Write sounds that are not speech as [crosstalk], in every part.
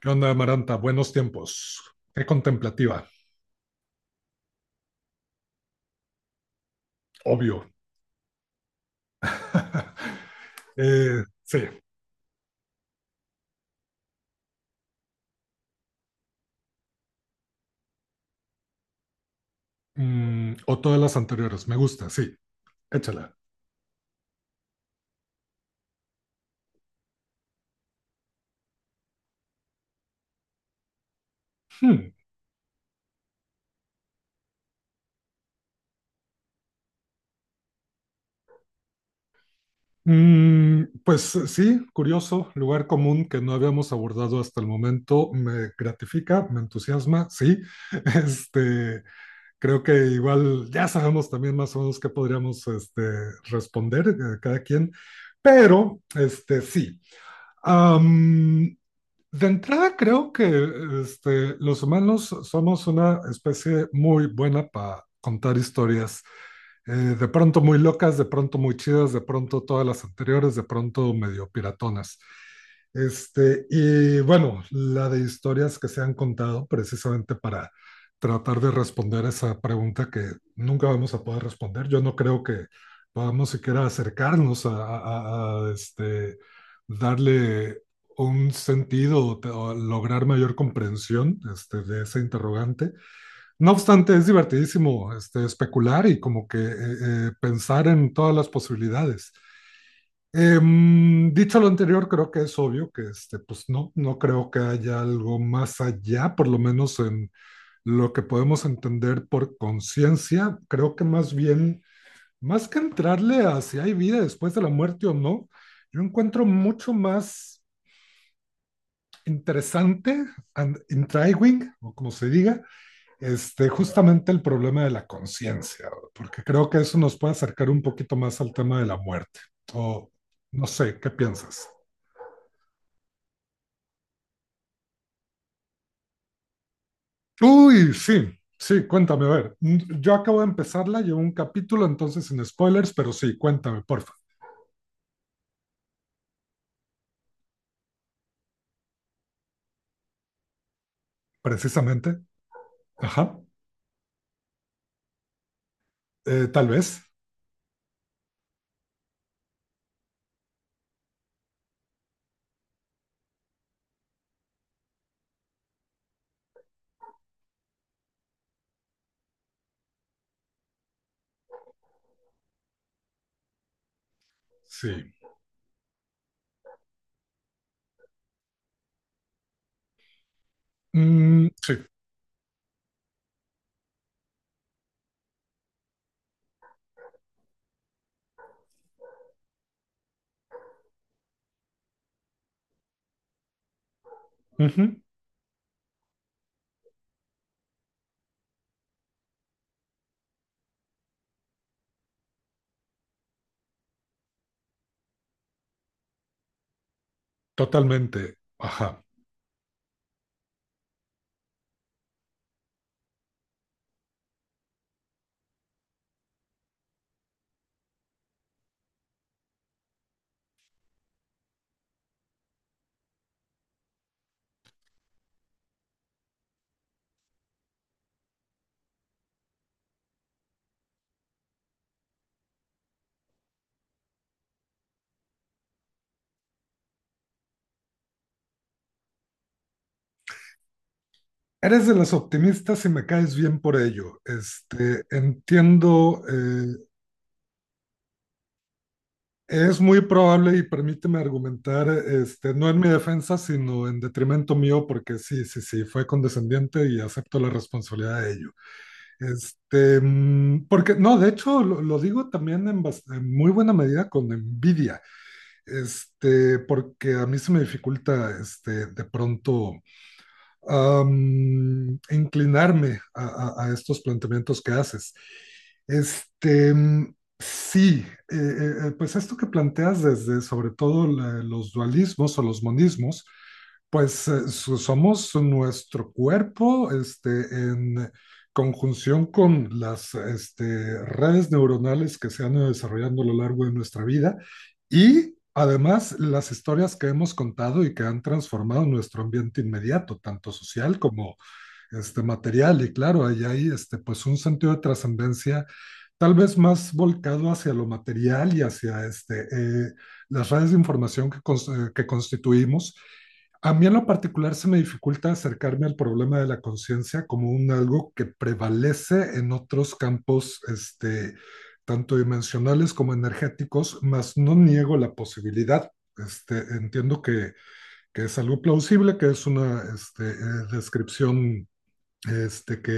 ¿Qué onda, Amaranta? Buenos tiempos. Qué contemplativa, obvio. [laughs] Eh, sí, o todas las anteriores, me gusta, sí, échala. Hmm. Pues sí, curioso, lugar común que no habíamos abordado hasta el momento, me gratifica, me entusiasma, sí. [laughs] Este, Creo que igual ya sabemos también más o menos qué podríamos responder cada quien, pero sí. Am, De entrada creo que los humanos somos una especie muy buena para contar historias, de pronto muy locas, de pronto muy chidas, de pronto todas las anteriores, de pronto medio piratonas. Y bueno, la de historias que se han contado precisamente para tratar de responder esa pregunta que nunca vamos a poder responder. Yo no creo que podamos siquiera acercarnos a darle un sentido o lograr mayor comprensión, de ese interrogante. No obstante, es divertidísimo especular y como que pensar en todas las posibilidades. Eh, Dicho lo anterior, creo que es obvio que pues no creo que haya algo más allá, por lo menos en lo que podemos entender por conciencia. Creo que más bien, más que entrarle a si hay vida después de la muerte o no, yo encuentro mucho más interesante, and intriguing, o como se diga, justamente el problema de la conciencia, porque creo que eso nos puede acercar un poquito más al tema de la muerte. O no sé, ¿qué piensas? Uy, sí, sí, cuéntame, a ver. Yo acabo de empezarla, llevo un capítulo, entonces sin spoilers, pero sí, cuéntame, porfa. Precisamente, ajá, tal vez, sí. Sí, ujú, totalmente, ajá. Eres de las optimistas y me caes bien por ello. Entiendo, es muy probable y permíteme argumentar, no en mi defensa, sino en detrimento mío, porque sí, sí, sí, fue condescendiente y acepto la responsabilidad de ello. Porque, no, de hecho, lo digo también en, en muy buena medida con envidia, porque a mí se me dificulta, de pronto inclinarme a estos planteamientos que haces. Este, sí, pues esto que planteas desde sobre todo los dualismos o los monismos, pues somos nuestro cuerpo, en conjunción con las, redes neuronales que se han ido desarrollando a lo largo de nuestra vida y además las historias que hemos contado y que han transformado nuestro ambiente inmediato, tanto social como material y claro, ahí hay pues un sentido de trascendencia tal vez más volcado hacia lo material y hacia las redes de información que, que constituimos. A mí en lo particular se me dificulta acercarme al problema de la conciencia como un algo que prevalece en otros campos, tanto dimensionales como energéticos, mas no niego la posibilidad. Entiendo que es algo plausible, que es una descripción que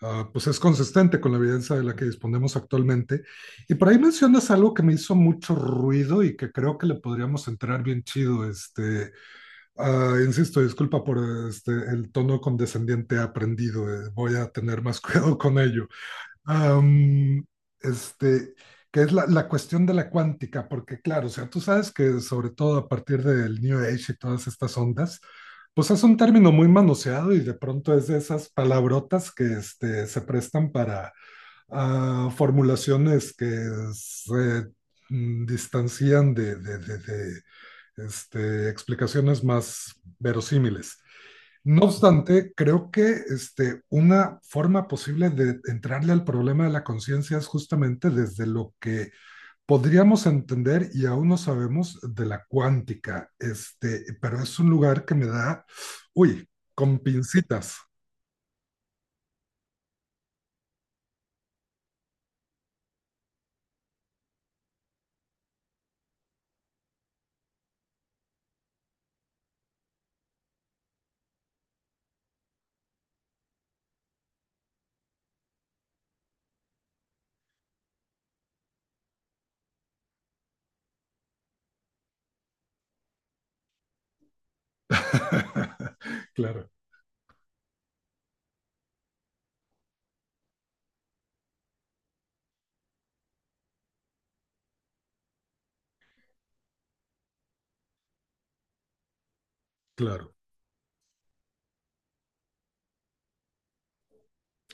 pues es consistente con la evidencia de la que disponemos actualmente. Y por ahí mencionas algo que me hizo mucho ruido y que creo que le podríamos entrar bien chido. Insisto, disculpa por el tono condescendiente aprendido, voy a tener más [laughs] cuidado con ello. Am, este, que es la cuestión de la cuántica, porque claro, o sea, tú sabes que sobre todo a partir del New Age y todas estas ondas, pues es un término muy manoseado y de pronto es de esas palabrotas que se prestan para formulaciones que se distancian de explicaciones más verosímiles. No obstante, creo que una forma posible de entrarle al problema de la conciencia es justamente desde lo que podríamos entender y aún no sabemos de la cuántica, pero es un lugar que me da, uy, con pincitas. [laughs] Claro, claro,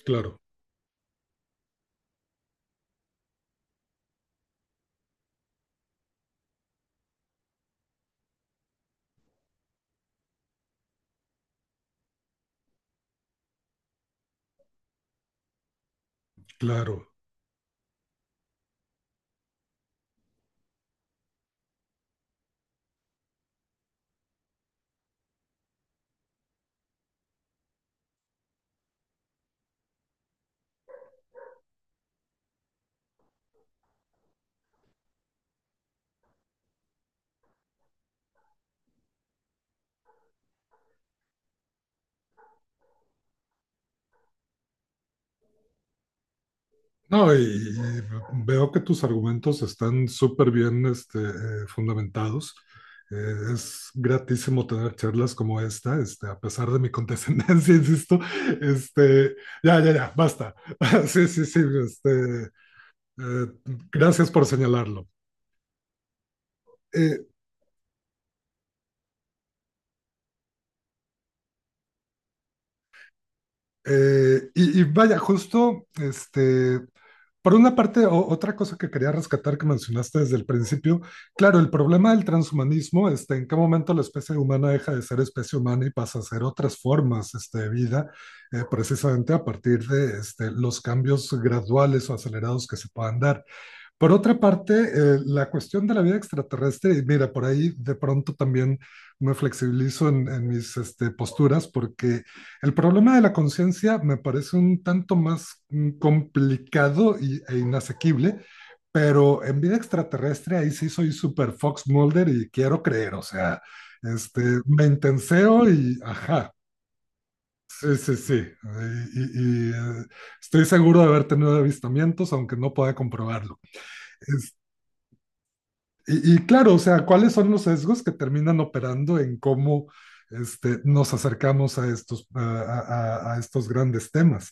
claro, claro. No, y veo que tus argumentos están súper bien fundamentados. Es gratísimo tener charlas como esta, a pesar de mi condescendencia, [laughs] insisto. Este, ya, ya, ya, basta. [laughs] Sí, sí, sí. Eh, Gracias por señalarlo. Eh, y vaya, justo por una parte, otra cosa que quería rescatar que mencionaste desde el principio, claro, el problema del transhumanismo, en qué momento la especie humana deja de ser especie humana y pasa a ser otras formas, de vida, precisamente a partir de, los cambios graduales o acelerados que se puedan dar. Por otra parte, la cuestión de la vida extraterrestre, y mira, por ahí de pronto también me flexibilizo en mis posturas, porque el problema de la conciencia me parece un tanto más complicado e inasequible, pero en vida extraterrestre ahí sí soy super Fox Mulder y quiero creer, o sea, me intenseo y ajá. Sí, sí, sí. Y, y, estoy seguro de haber tenido avistamientos, aunque no pueda comprobarlo. Y claro, o sea, ¿cuáles son los sesgos que terminan operando en cómo nos acercamos a estos grandes temas?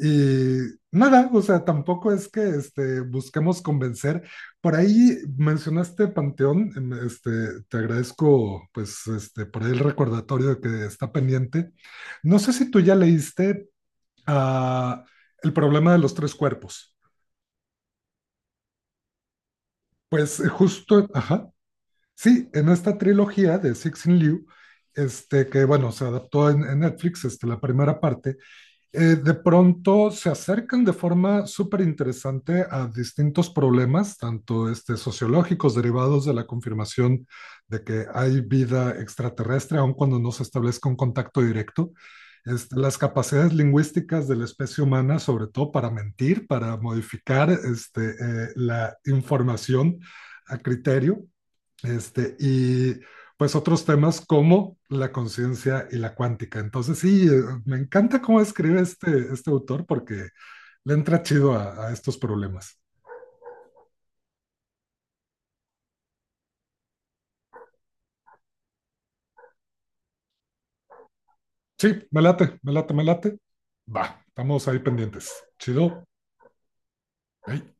Y nada, o sea, tampoco es que busquemos convencer. Por ahí mencionaste Panteón, te agradezco pues por ahí el recordatorio de que está pendiente. No sé si tú ya leíste ah, El problema de los tres cuerpos. Pues justo, ajá. Sí, en esta trilogía de Sixin Liu, que bueno, se adaptó en Netflix, la primera parte, de pronto se acercan de forma súper interesante a distintos problemas, tanto sociológicos derivados de la confirmación de que hay vida extraterrestre, aun cuando no se establezca un contacto directo, las capacidades lingüísticas de la especie humana, sobre todo para mentir, para modificar la información a criterio y pues otros temas como la conciencia y la cuántica. Entonces, sí, me encanta cómo escribe este autor porque le entra chido a estos problemas. Sí, me late, me late, me late. Va, estamos ahí pendientes. Chido. Ey.